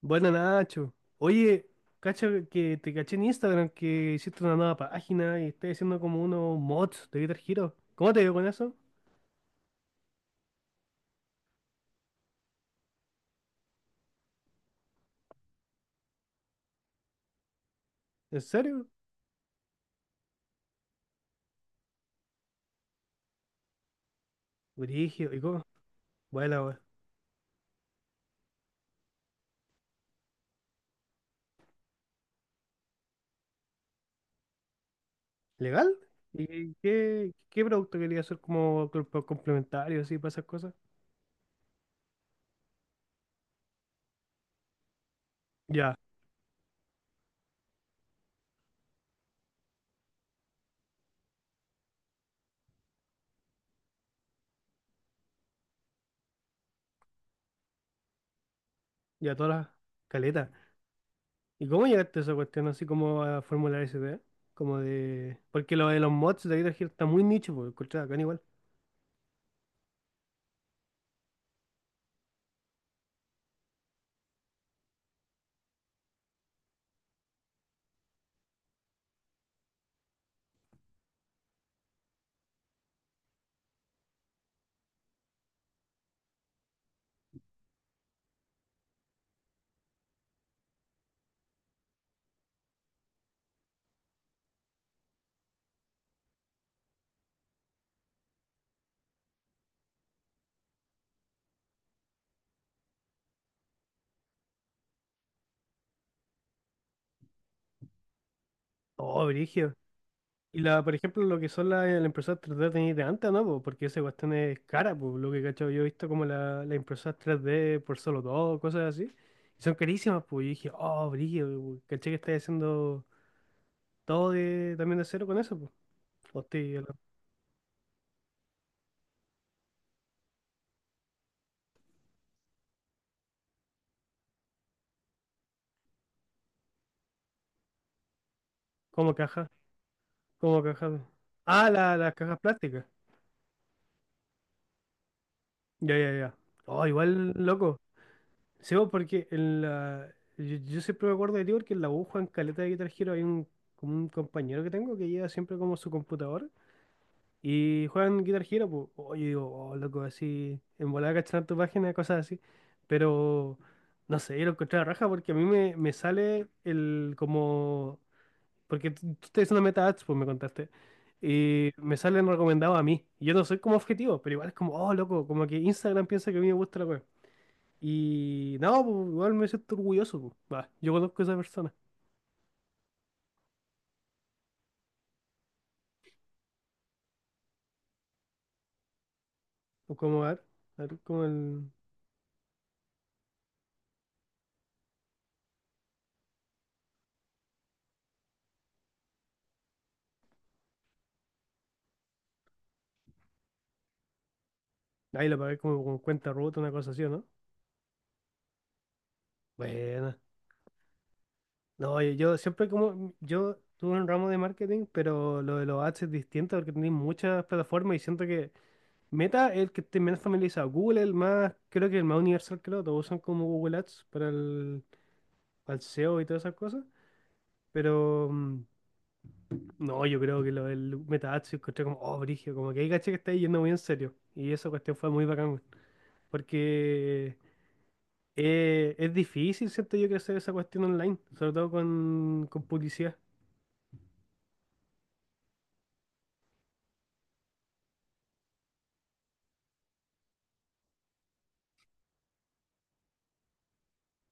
Buena Nacho. Oye, cacha que te caché en Instagram que hiciste una nueva página y estás haciendo como unos mods de Guitar Hero. ¿Cómo te dio con eso? ¿En serio? Brígido, ¿y cómo? Buena, wea. ¿Legal? ¿Y qué producto quería hacer como complementario así para esas cosas? Ya, ya todas las caletas. ¿Y cómo llegaste a esa cuestión así como a formular esa idea? Porque lo de los mods de Guitar Hero está muy nicho, porque encontraba acá igual. Oh, brígido. Y la, por ejemplo, lo que son las impresoras 3D tenéis de antes, ¿no, po? Porque esa cuestión es cara, pues lo que cacho yo he visto como las impresoras 3D por solo dos cosas así. Y son carísimas, pues. Yo dije, oh, brillo, caché que estáis haciendo todo de, también de cero con eso, pues. Hostia. ¿Cómo caja? ¿Cómo caja? Ah, las cajas plásticas. Ya, ya, ya. Oh, igual, loco. Sí, po, porque yo siempre me acuerdo de ti porque en la aguja en Caleta de Guitar Hero hay como un compañero que tengo que lleva siempre como su computador. Y juegan Guitar Hero, pues. Oye, digo, oh, loco, así, en volada cachar tu página, cosas así. Pero no sé, yo lo encontré a la raja porque a mí me sale el como. Porque tú estás haciendo meta ads, pues me contaste. Y me salen recomendados a mí. Y yo no soy como objetivo, pero igual es como, oh, loco, como que Instagram piensa que a mí me gusta la web. Y no, pues igual me siento orgulloso, pues. Va, yo conozco a esa persona. O como, a ver, como el. Ahí lo pagué como con cuenta rota, una cosa así, ¿o no? Bueno. No, yo siempre como, yo tuve un ramo de marketing, pero lo de los ads es distinto porque tenéis muchas plataformas y siento que Meta es el que esté menos familiarizado. Google es el más, creo que el más universal que lo, todos usan como Google Ads para el SEO y todas esas cosas. Pero no, yo creo que lo del Meta Ads yo encontré como, oh, brígido, como que hay caché que está yendo muy en serio. Y esa cuestión fue muy bacán, weón, porque es difícil, siento yo, crecer esa cuestión online, sobre todo con publicidad.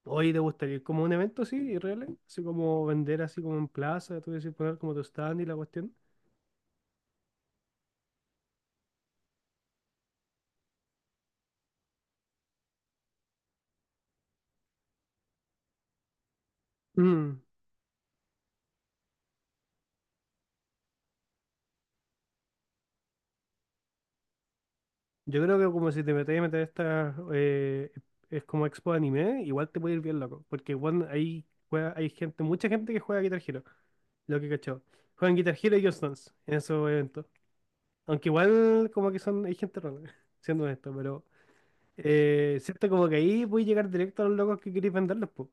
Oye, ¿te gustaría ir como a un evento así, irreal, así como vender así como en plaza, tú decís poner como tu stand y la cuestión? Mm, Yo creo que como si te metes a meter esta, es como expo de anime, igual te puede ir bien loco. Porque bueno, ahí juega, hay gente, mucha gente que juega Guitar Hero, lo que cachó. Juegan Guitar Hero y Just Dance en esos eventos. Aunque igual como que son, hay gente rara, siendo honesto, pero siento como que ahí voy a llegar directo a los locos que queréis venderlos, pues.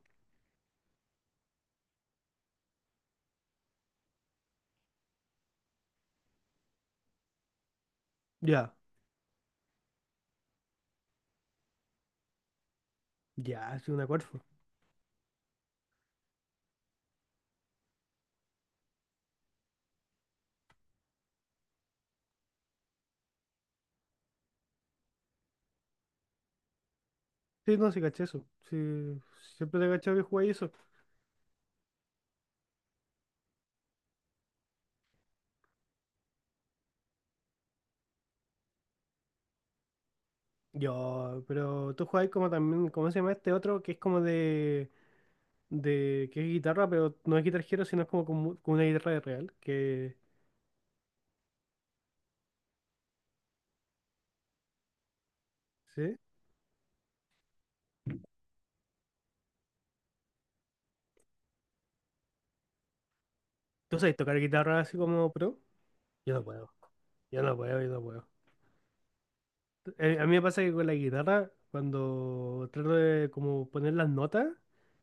Ya, ya, es una acuerdo. Sí, no, sí caché eso. Sí, siempre te he cachado que jugáis eso. Yo, pero tú jugáis como también, ¿cómo se llama este otro? Que es como de, que es guitarra, pero no es Guitar Hero, sino es como con una guitarra de real. Que, ¿sí? ¿Tú sabes tocar guitarra así como pro? Yo no puedo. Yo no puedo, yo no puedo. A mí me pasa que con la guitarra, cuando trato de como poner las notas,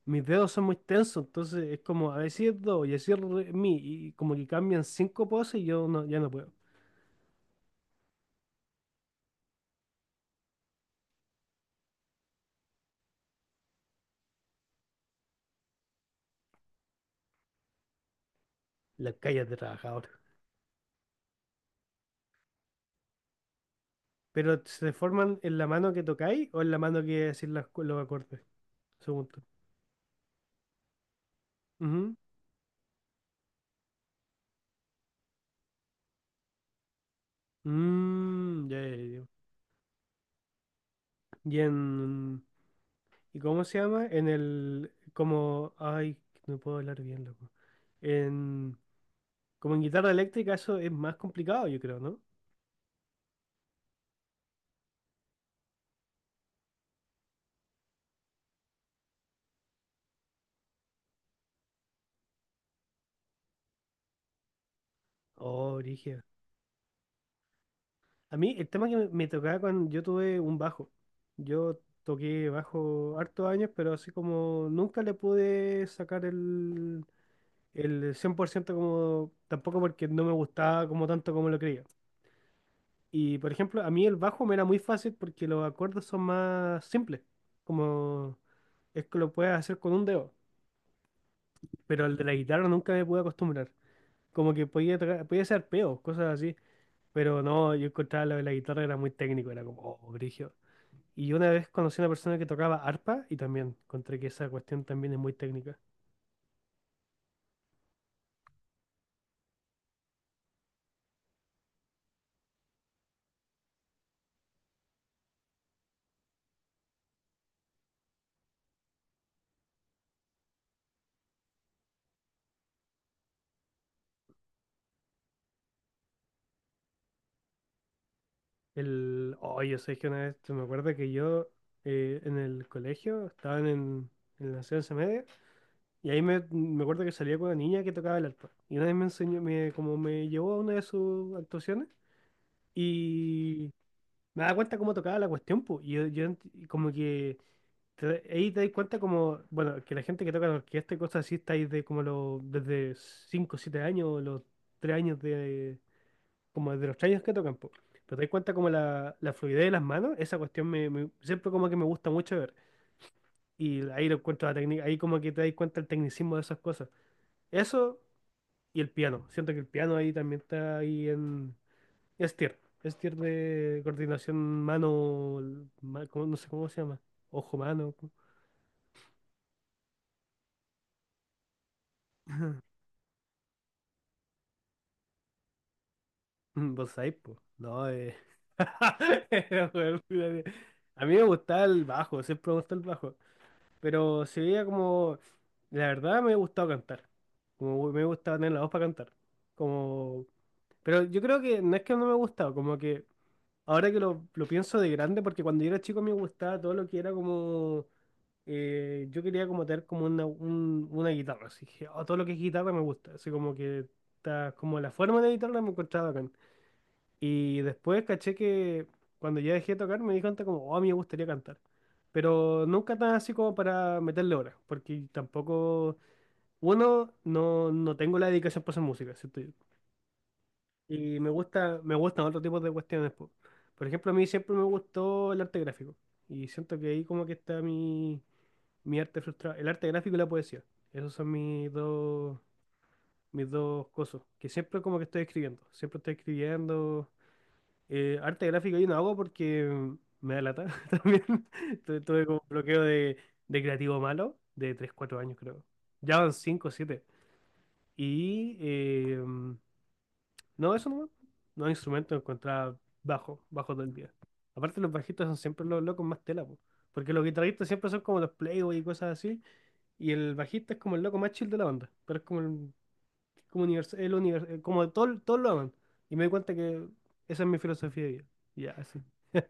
mis dedos son muy tensos, entonces es como a decir do y a decir re, mi, y como que cambian cinco poses y yo no, ya no puedo. La calles de trabajador. Pero se forman en la mano que tocáis o en la mano que decís los acordes, según tú. Ujú. Mm, ya, ya, ya. Y en. ¿Y cómo se llama? En el. Como. Ay, no puedo hablar bien, loco. En. Como en guitarra eléctrica, eso es más complicado, yo creo, ¿no? Oh, brígido. A mí, el tema que me tocaba cuando yo tuve un bajo. Yo toqué bajo hartos años, pero así como nunca le pude sacar el. El 100% como tampoco porque no me gustaba como tanto como lo creía. Y por ejemplo, a mí el bajo me era muy fácil porque los acordes son más simples. Como es que lo puedes hacer con un dedo. Pero el de la guitarra nunca me pude acostumbrar. Como que podía tocar, podía hacer arpeos, cosas así. Pero no, yo encontraba lo de la guitarra era muy técnico, era como, oh, brígido. Y yo una vez conocí a una persona que tocaba arpa y también encontré que esa cuestión también es muy técnica. El, oh, yo sé que una vez, me acuerdo que yo en el colegio estaban en la enseñanza media y ahí me acuerdo que salía con una niña que tocaba el arpa. Y una vez me enseñó, me, como me llevó a una de sus actuaciones y me daba cuenta cómo tocaba la cuestión, pues. Y yo y como que te ahí te das cuenta como, bueno, que la gente que toca en orquesta y cosas así está ahí de como los, desde 5 o 7 años, o los 3 años de, como de los traños que tocan, po. Pero te das cuenta como la fluidez de las manos, esa cuestión siempre como que me gusta mucho ver. Y ahí lo encuentro la técnica, ahí como que te das cuenta el tecnicismo de esas cosas. Eso y el piano. Siento que el piano ahí también está ahí en es tier de coordinación mano, no sé cómo se llama, ojo mano. ¿Cómo? Vos sabés, po. No. Era, weón. A mí me gustaba el bajo, siempre me gustó el bajo. Pero se veía como, la verdad me ha gustado cantar. Como me gusta tener la voz para cantar. Como, pero yo creo que no es que no me ha gustado, como que ahora que lo pienso de grande, porque cuando yo era chico me gustaba todo lo que era como, yo quería como tener como una guitarra. Así que oh, todo lo que es guitarra me gusta. Así como que está, como la forma de la guitarra me encontraba acá. Y después caché que cuando ya dejé de tocar me di cuenta como, oh, a mí me gustaría cantar. Pero nunca tan así como para meterle horas, porque tampoco, uno, no tengo la dedicación para hacer música, ¿cierto? Y me gusta, me gustan otros tipos de cuestiones, po. Por ejemplo, a mí siempre me gustó el arte gráfico. Y siento que ahí como que está mi arte frustrado. El arte gráfico y la poesía. Esos son mis dos cosas. Que siempre como que estoy escribiendo. Siempre estoy escribiendo. Arte gráfico yo no hago porque me da lata también. Tuve como un bloqueo de creativo malo de 3 4 años creo. Ya van 5, siete. Y no, eso no. No instrumento encontraba bajo, bajo todo el día. Aparte los bajistas son siempre los locos más tela, po. Porque los guitarristas siempre son como los playboy y cosas así. Y el bajista es como el loco más chill de la banda. Pero es como el, como universal, como todo, todos lo aman. Y me di cuenta que esa es mi filosofía de vida. Ya, así.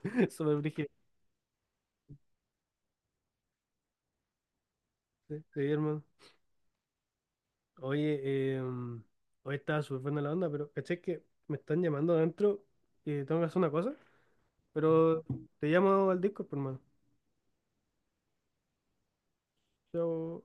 Súper brígido. Sí, sí, hermano. Oye, eh, hoy estaba súper buena la onda, pero caché que me están llamando adentro y tengo que hacer una cosa. Pero te llamo al Discord, pues, hermano. Chao.